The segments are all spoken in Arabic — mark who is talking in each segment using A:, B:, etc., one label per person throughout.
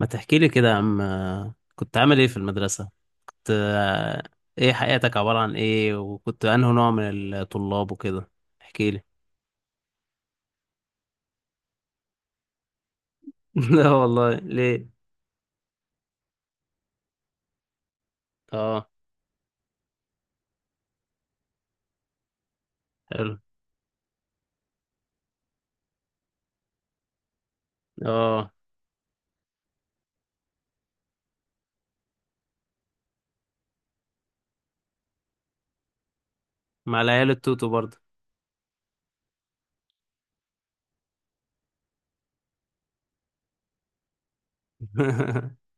A: ما تحكي لي كده يا عم، كنت عامل ايه في المدرسة؟ كنت ايه؟ حياتك عبارة عن ايه؟ وكنت انه نوع من الطلاب وكده؟ احكي لي. لا والله، ليه؟ اه. حلو. اه، مع العيال التوتو برضه؟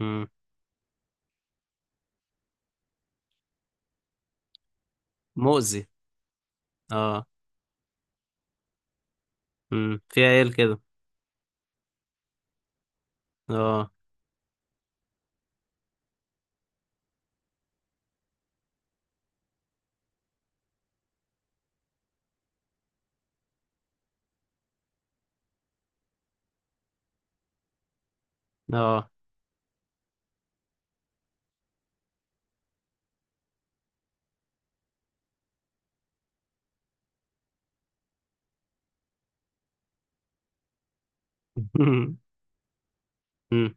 A: مم. مؤذي. اه. مم. في عيال كده. اه. اه. مم.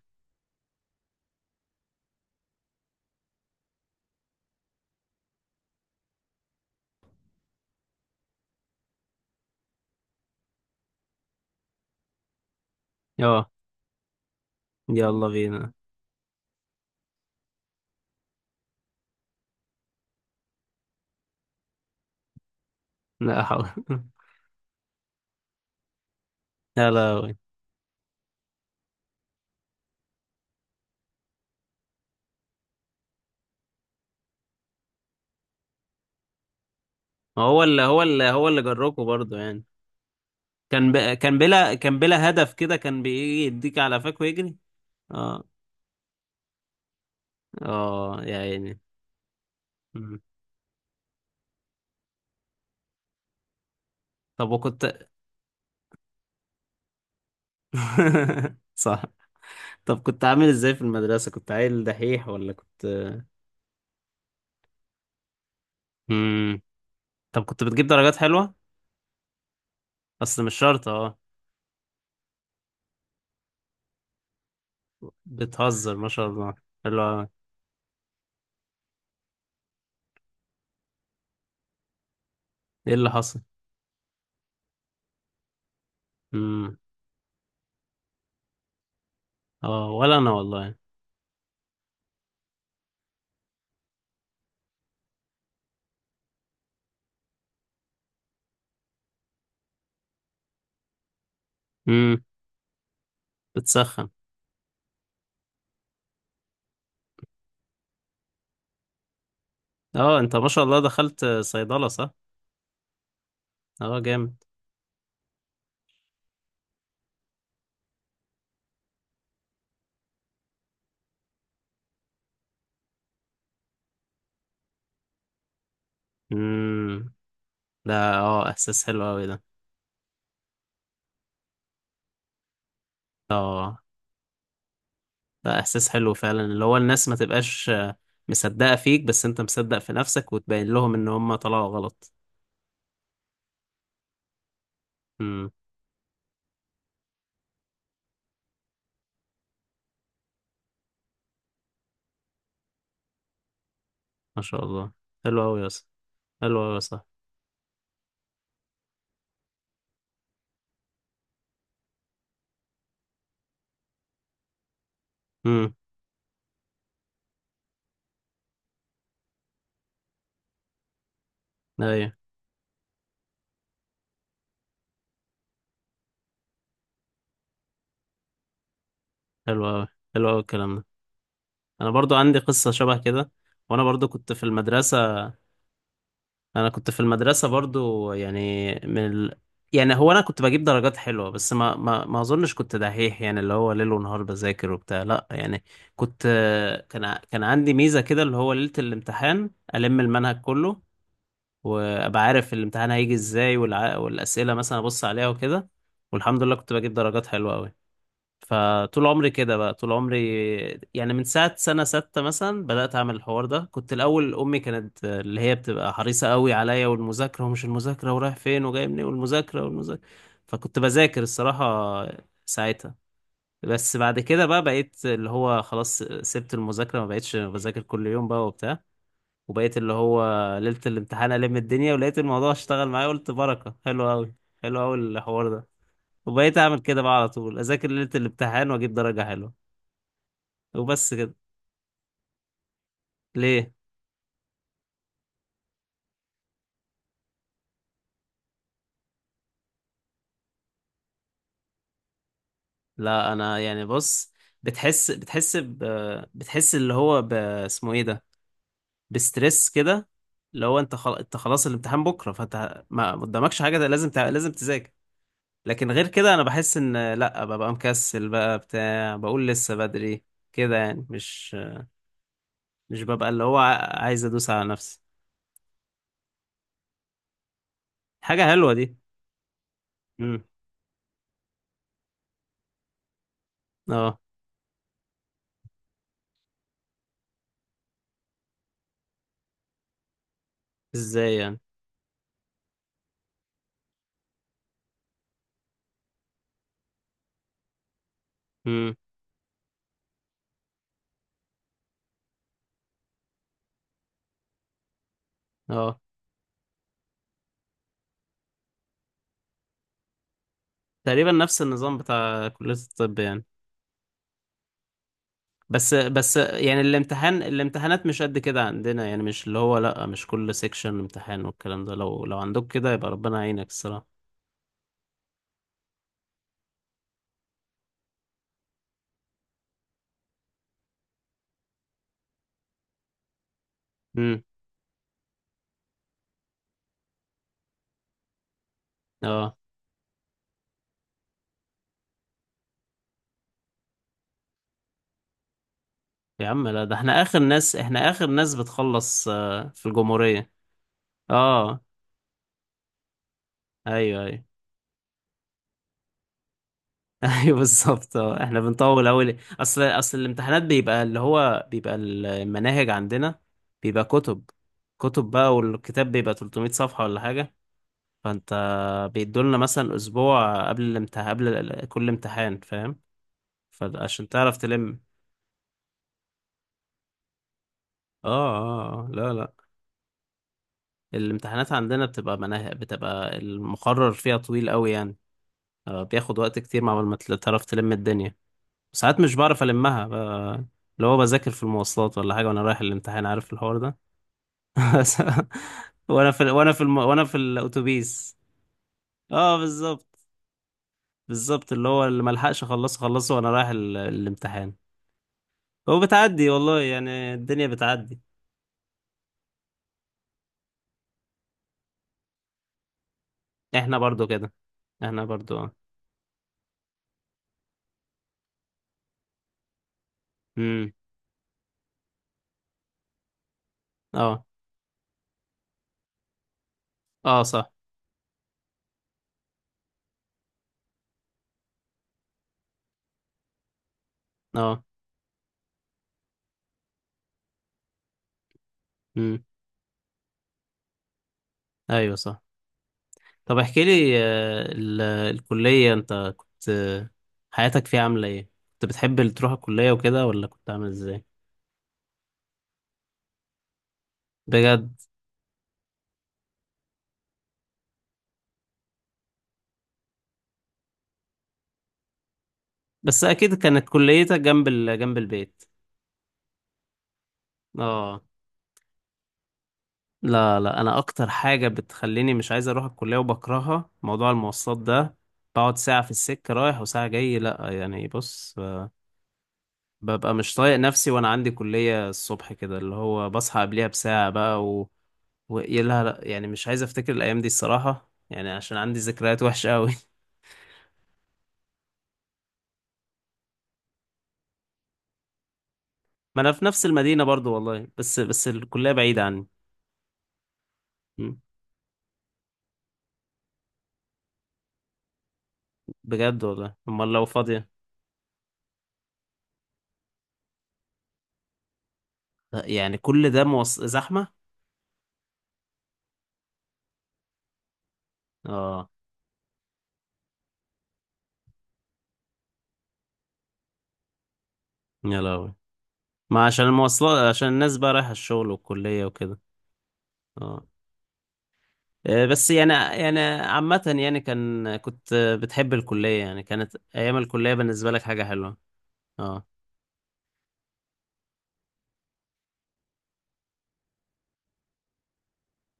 A: اه. يلا بينا. لا حول. لا لا. هو اللي جروكوا برضه يعني؟ كان بلا هدف كده؟ كان بيجي يديك على قفاك ويجري؟ اه. اه يا عيني. مم. طب، وكنت؟ صح. طب كنت عامل ازاي في المدرسة؟ كنت عيل دحيح ولا كنت؟ مم. طب كنت بتجيب درجات حلوة؟ اصل مش شرط، اه. بتهزر، ما شاء الله. حلو أوي. ايه اللي حصل؟ مم. اه ولا انا والله. مم. بتسخن. اه، انت ما شاء الله دخلت صيدلة، صح؟ اه، جامد. مم. ده، اه، احساس حلو قوي ده. اه، ده احساس حلو فعلا اللي هو الناس ما تبقاش مصدقة فيك، بس انت مصدق في نفسك وتبين لهم ان هم طلعوا غلط. امم. ما شاء الله. حلو قوي يا اسطى. حلو قوي يا صاحبي. امم. ايوه. حلو قوي. حلو قوي الكلام ده. انا برضو عندي قصة شبه كده. وانا برضو كنت في المدرسة. انا كنت في المدرسه برضو، يعني يعني هو انا كنت بجيب درجات حلوه، بس ما اظنش كنت دحيح يعني، اللي هو ليل ونهار بذاكر وبتاع، لا يعني. كنت، كان عندي ميزه كده اللي هو ليله الامتحان المنهج كله، وابقى عارف الامتحان هيجي ازاي والاسئله مثلا ابص عليها وكده، والحمد لله كنت بجيب درجات حلوه قوي. فطول عمري كده بقى، طول عمري يعني من ساعة سنة ستة مثلا بدأت أعمل الحوار ده. كنت الأول أمي كانت اللي هي بتبقى حريصة قوي عليا، والمذاكرة ومش المذاكرة، ورايح فين وجاي منين، والمذاكرة والمذاكرة، فكنت بذاكر الصراحة ساعتها. بس بعد كده بقى بقيت اللي هو خلاص، سبت المذاكرة، ما بقيتش بذاكر كل يوم بقى وبتاع، وبقيت اللي هو ليلة الامتحان ألم الدنيا، ولقيت الموضوع اشتغل معايا، قلت بركة، حلو أوي. حلو أوي الحوار ده. وبقيت أعمل كده بقى على طول، أذاكر ليلة الامتحان وأجيب درجة حلوة. وبس كده. ليه؟ لا انا يعني بص، بتحس بتحس بتحس اللي هو اسمه ايه ده، بستريس كده، اللي هو انت انت خلاص الامتحان بكره، فانت ما قدامكش حاجه ده، لازم لازم تذاكر. لكن غير كده انا بحس ان لا، ببقى مكسل بقى بتاع بقول لسه بدري كده يعني، مش ببقى اللي هو عايز ادوس على نفسي. حاجه حلوه دي. امم. اه. ازاي يعني؟ امم. اه، تقريبا نفس النظام بتاع كليه الطب يعني. بس، بس يعني الامتحانات مش قد كده عندنا يعني، مش اللي هو، لأ مش كل سيكشن امتحان والكلام ده. لو، عندك كده يبقى ربنا يعينك الصراحة. امم. اه. يا عم لا، ده احنا آخر ناس، احنا آخر ناس بتخلص في الجمهورية. اه. ايوه، ايوه. ايوه بالظبط. اه، احنا بنطول أوي، اصل، الامتحانات بيبقى اللي هو بيبقى المناهج عندنا بيبقى كتب، كتب بقى، والكتاب بيبقى 300 صفحة ولا حاجة، فانت بيدولنا مثلا اسبوع قبل الامتحان، كل امتحان، فاهم؟ فعشان تعرف تلم. اه. اه. لا لا، الامتحانات عندنا بتبقى مناهج، بتبقى المقرر فيها طويل قوي يعني. آه، بياخد وقت كتير مع ما تعرف تلم الدنيا. ساعات مش بعرف المها اللي هو بذاكر في المواصلات ولا حاجه وانا رايح الامتحان، عارف الحوار ده؟ وانا في، وانا في الاتوبيس. اه بالظبط، بالظبط اللي هو اللي ملحقش اخلصه، خلصه وانا رايح الامتحان. هو بتعدي والله، يعني الدنيا بتعدي. احنا برضو كده، احنا برضو، اه. امم. اه. اه صح. اه. امم. ايوه صح. طب احكي لي، الكلية انت كنت حياتك فيها عاملة ايه؟ كنت بتحب اللي تروح الكلية وكده، ولا كنت عامل ازاي؟ بجد؟ بس اكيد كانت كليتك جنب جنب البيت. اه. لا لا، انا اكتر حاجة بتخليني مش عايز اروح الكلية وبكرهها موضوع المواصلات ده. بقعد ساعة في السكة رايح وساعة جاي، لا يعني، بص، ببقى مش طايق نفسي وانا عندي كلية الصبح كده، اللي هو بصحى قبلها بساعة بقى يا لا لا، يعني مش عايز افتكر الايام دي الصراحة، يعني عشان عندي ذكريات وحشة قوي. ما انا في نفس المدينة برضو والله، بس، بس الكلية بعيدة عني. م. بجد والله؟ امال لو فاضية؟ لا، يعني كل ده زحمة. اه. يا لهوي. ما عشان المواصلات، عشان الناس بقى رايحة الشغل والكلية وكده. اه. بس يعني، عامة يعني، كنت بتحب الكلية يعني؟ كانت أيام الكلية بالنسبة لك حاجة حلوة؟ اه.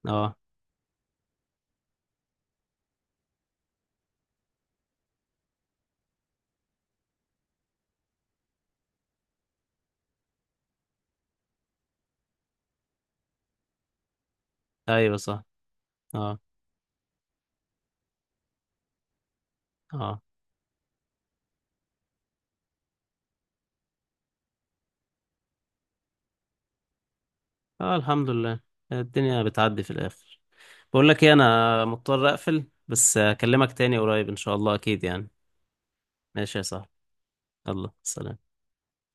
A: اه. ايوه صح. اه. اه. اه. الحمد لله. الدنيا بتعدي في الاخر. بقول لك ايه، انا مضطر اقفل بس، اكلمك تاني قريب ان شاء الله اكيد يعني. ماشي يا صاحبي. يلا سلام.